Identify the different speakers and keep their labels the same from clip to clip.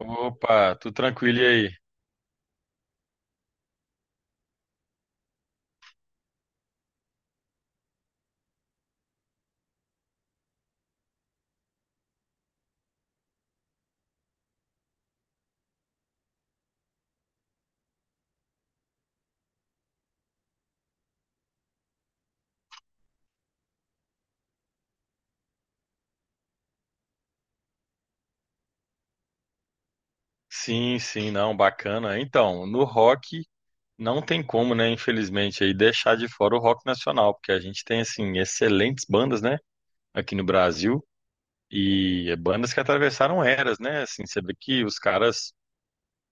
Speaker 1: Opa, tudo tranquilo e aí? Sim, não, bacana. Então, no rock não tem como, né, infelizmente, aí deixar de fora o rock nacional, porque a gente tem assim excelentes bandas, né, aqui no Brasil e é bandas que atravessaram eras, né? Assim, você vê que os caras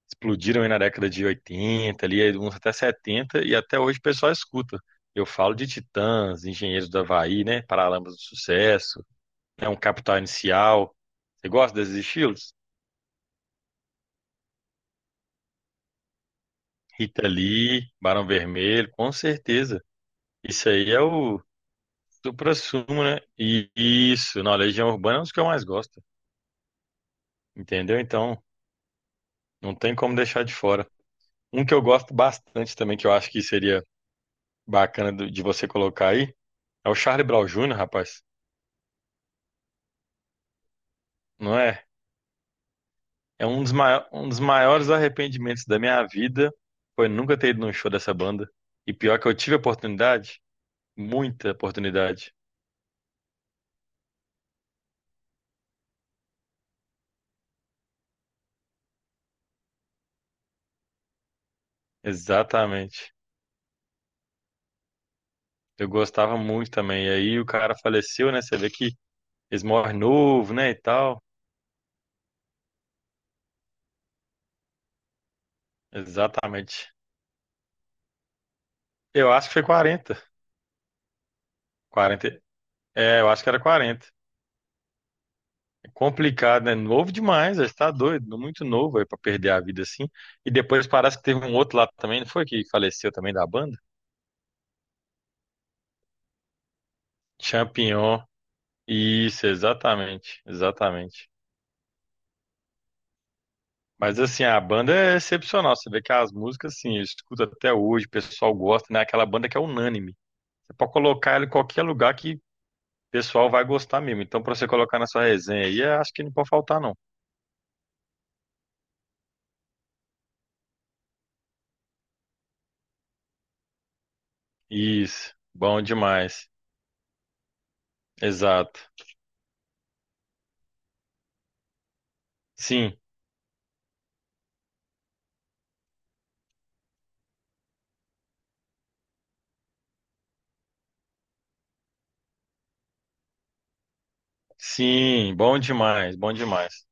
Speaker 1: explodiram aí na década de 80 ali aí uns até 70 e até hoje o pessoal escuta. Eu falo de Titãs, Engenheiros do Havaí, né, Paralamas do Sucesso, é um Capital Inicial. Você gosta desses estilos? Rita Lee, Barão Vermelho, com certeza. Isso aí é o suprassumo, né? E isso, na Legião Urbana é um dos que eu mais gosto, entendeu? Então, não tem como deixar de fora. Um que eu gosto bastante também, que eu acho que seria bacana de você colocar aí, é o Charlie Brown Jr., rapaz. Não é? É um dos, um dos maiores arrependimentos da minha vida foi nunca ter ido num show dessa banda. E pior que eu tive oportunidade, muita oportunidade. Exatamente. Eu gostava muito também. E aí o cara faleceu, né? Você vê que eles morrem novo, né? E tal. Exatamente. Eu acho que foi 40 quarenta. É, eu acho que era quarenta. É complicado, né? Novo demais, ele tá doido, muito novo aí pra perder a vida assim. E depois parece que teve um outro lá também, não foi que faleceu também da banda? Champignon. Isso, exatamente, exatamente. Mas assim, a banda é excepcional. Você vê que as músicas, assim, eu escuto até hoje, o pessoal gosta, né? Aquela banda que é unânime. Você pode colocar ela em qualquer lugar que o pessoal vai gostar mesmo. Então, para você colocar na sua resenha aí, eu acho que não pode faltar, não. Isso, bom demais. Exato. Sim, sim, bom demais, bom demais,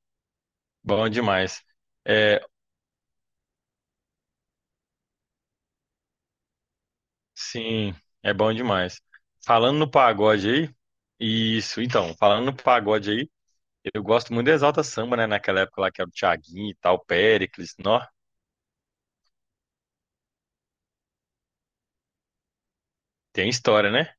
Speaker 1: bom demais. É, sim, é bom demais. Falando no pagode aí, isso, então, falando no pagode aí, eu gosto muito do Exalta Samba, né? Naquela época lá que era o Thiaguinho e tal, Péricles, nó, tem história, né?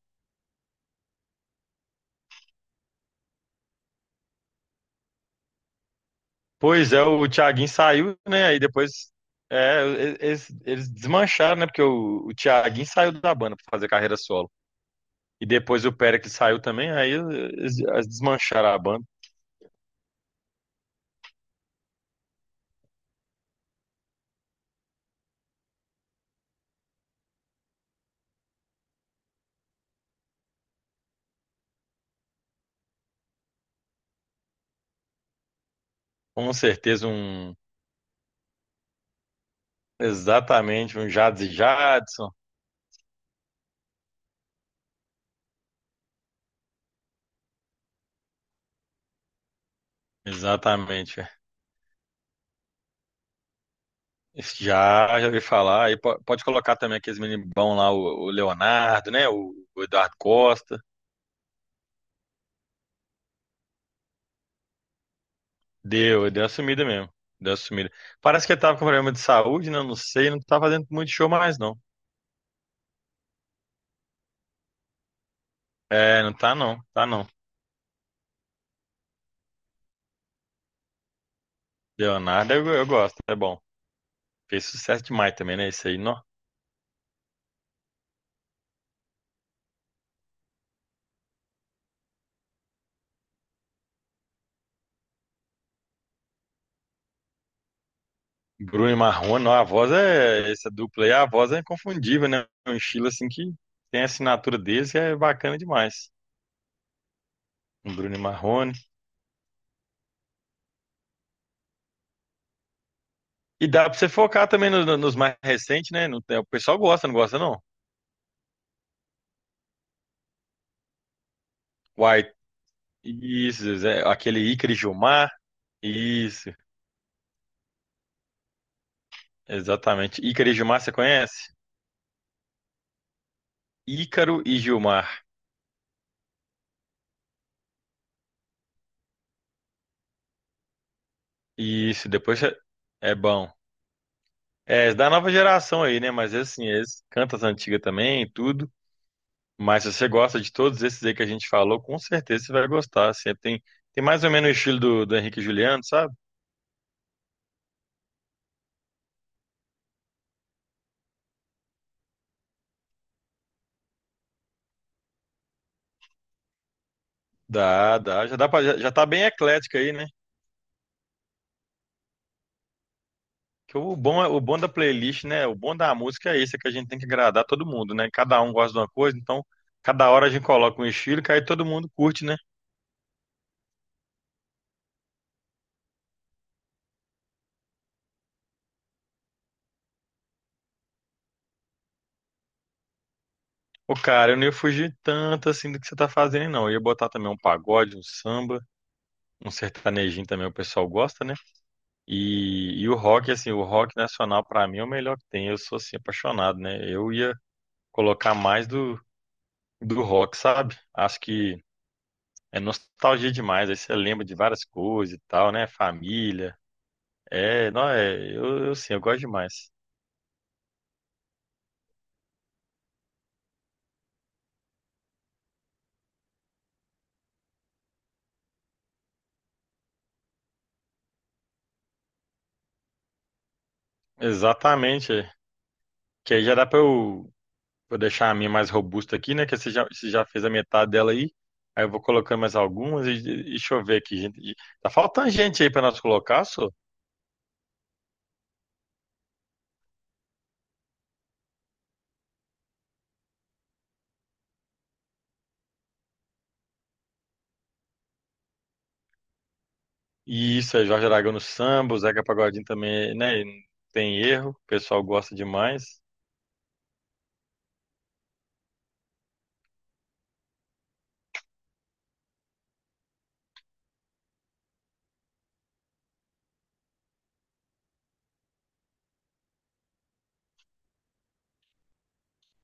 Speaker 1: Pois é, o Thiaguinho saiu, né? Aí depois é, eles desmancharam, né? Porque o Thiaguinho saiu da banda para fazer carreira solo. E depois o Péricles saiu também, aí eles desmancharam a banda. Com certeza um exatamente um Jads e Jadson. Exatamente. É. Já, já ouvi falar. Aí pode colocar também aqueles meninos bons lá, o Leonardo, né? O Eduardo Costa. Deu uma sumida mesmo. Deu uma sumida. Parece que ele tava com problema de saúde, né? Eu não sei, não tá fazendo muito show mais, não. É, não tá não, tá não. Leonardo eu gosto, é bom. Fez sucesso demais também, né? Esse aí, nó. Bruno e Marrone, nó, a voz é. Essa dupla aí, a voz é inconfundível, né? Um estilo assim que tem a assinatura deles que é bacana demais. Bruno e Marrone. E dá pra você focar também nos mais recentes, né? É, o pessoal gosta, não gosta, não? White, isso, Zé, aquele Ícaro e Gilmar, isso. Exatamente. Ícaro e Gilmar, você conhece? Ícaro e Gilmar. Isso, é bom. É, da nova geração aí, né? Mas assim, eles cantam as antigas também, tudo. Mas se você gosta de todos esses aí que a gente falou, com certeza você vai gostar. Assim, tem, tem mais ou menos o estilo do, do Henrique e Juliano, sabe? Dá, dá. Já dá pra, já, já tá bem eclética aí, né? Que o bom, o bom da playlist, né? O bom da música é isso, é que a gente tem que agradar todo mundo, né? Cada um gosta de uma coisa, então cada hora a gente coloca um estilo que aí todo mundo curte, né? Ô, cara, eu não ia fugir tanto assim do que você tá fazendo, não. Eu ia botar também um pagode, um samba, um sertanejinho também, o pessoal gosta, né? E o rock, assim, o rock nacional pra mim é o melhor que tem. Eu sou, assim, apaixonado, né? Eu ia colocar mais do, do rock, sabe? Acho que é nostalgia demais. Aí você lembra de várias coisas e tal, né? Família. É, não, é, eu sim, eu gosto demais. Exatamente. É. Que aí já dá pra eu vou deixar a minha mais robusta aqui, né? Que você já fez a metade dela aí. Aí eu vou colocando mais algumas e deixa eu ver aqui, gente. Tá faltando gente aí pra nós colocar, só. E isso é Jorge Aragão no samba, o Zeca Pagodinho também, né? Não tem erro, o pessoal gosta demais.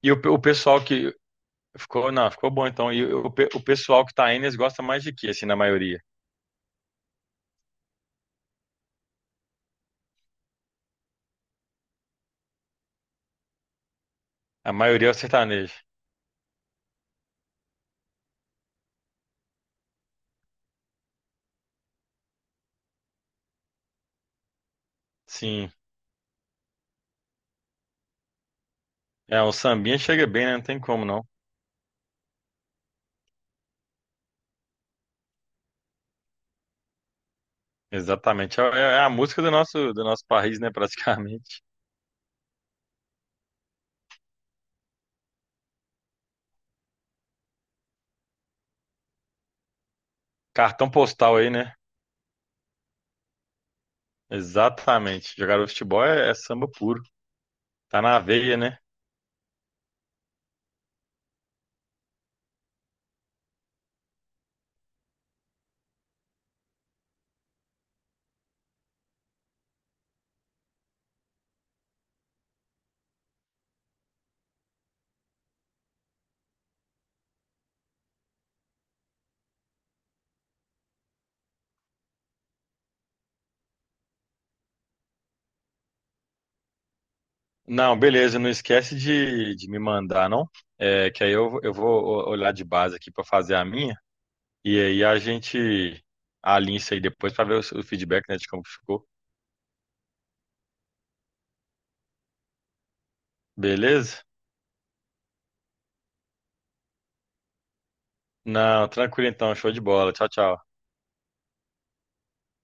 Speaker 1: E o pessoal que ficou, não, ficou bom então. E o pessoal que tá aí, eles gostam mais de que, assim, na maioria? A maioria é o sertanejo. Sim. É, um sambinha chega bem, né? Não tem como não. Exatamente. É é a música do nosso país, né? Praticamente. Cartão postal aí, né? Exatamente. Jogar o futebol é samba puro. Tá na veia, né? Não, beleza. Não esquece de me mandar, não? É, que aí eu vou olhar de base aqui pra fazer a minha. E aí a gente alinha isso aí depois pra ver o feedback, né, de como ficou. Beleza? Não, tranquilo então. Show de bola. Tchau, tchau.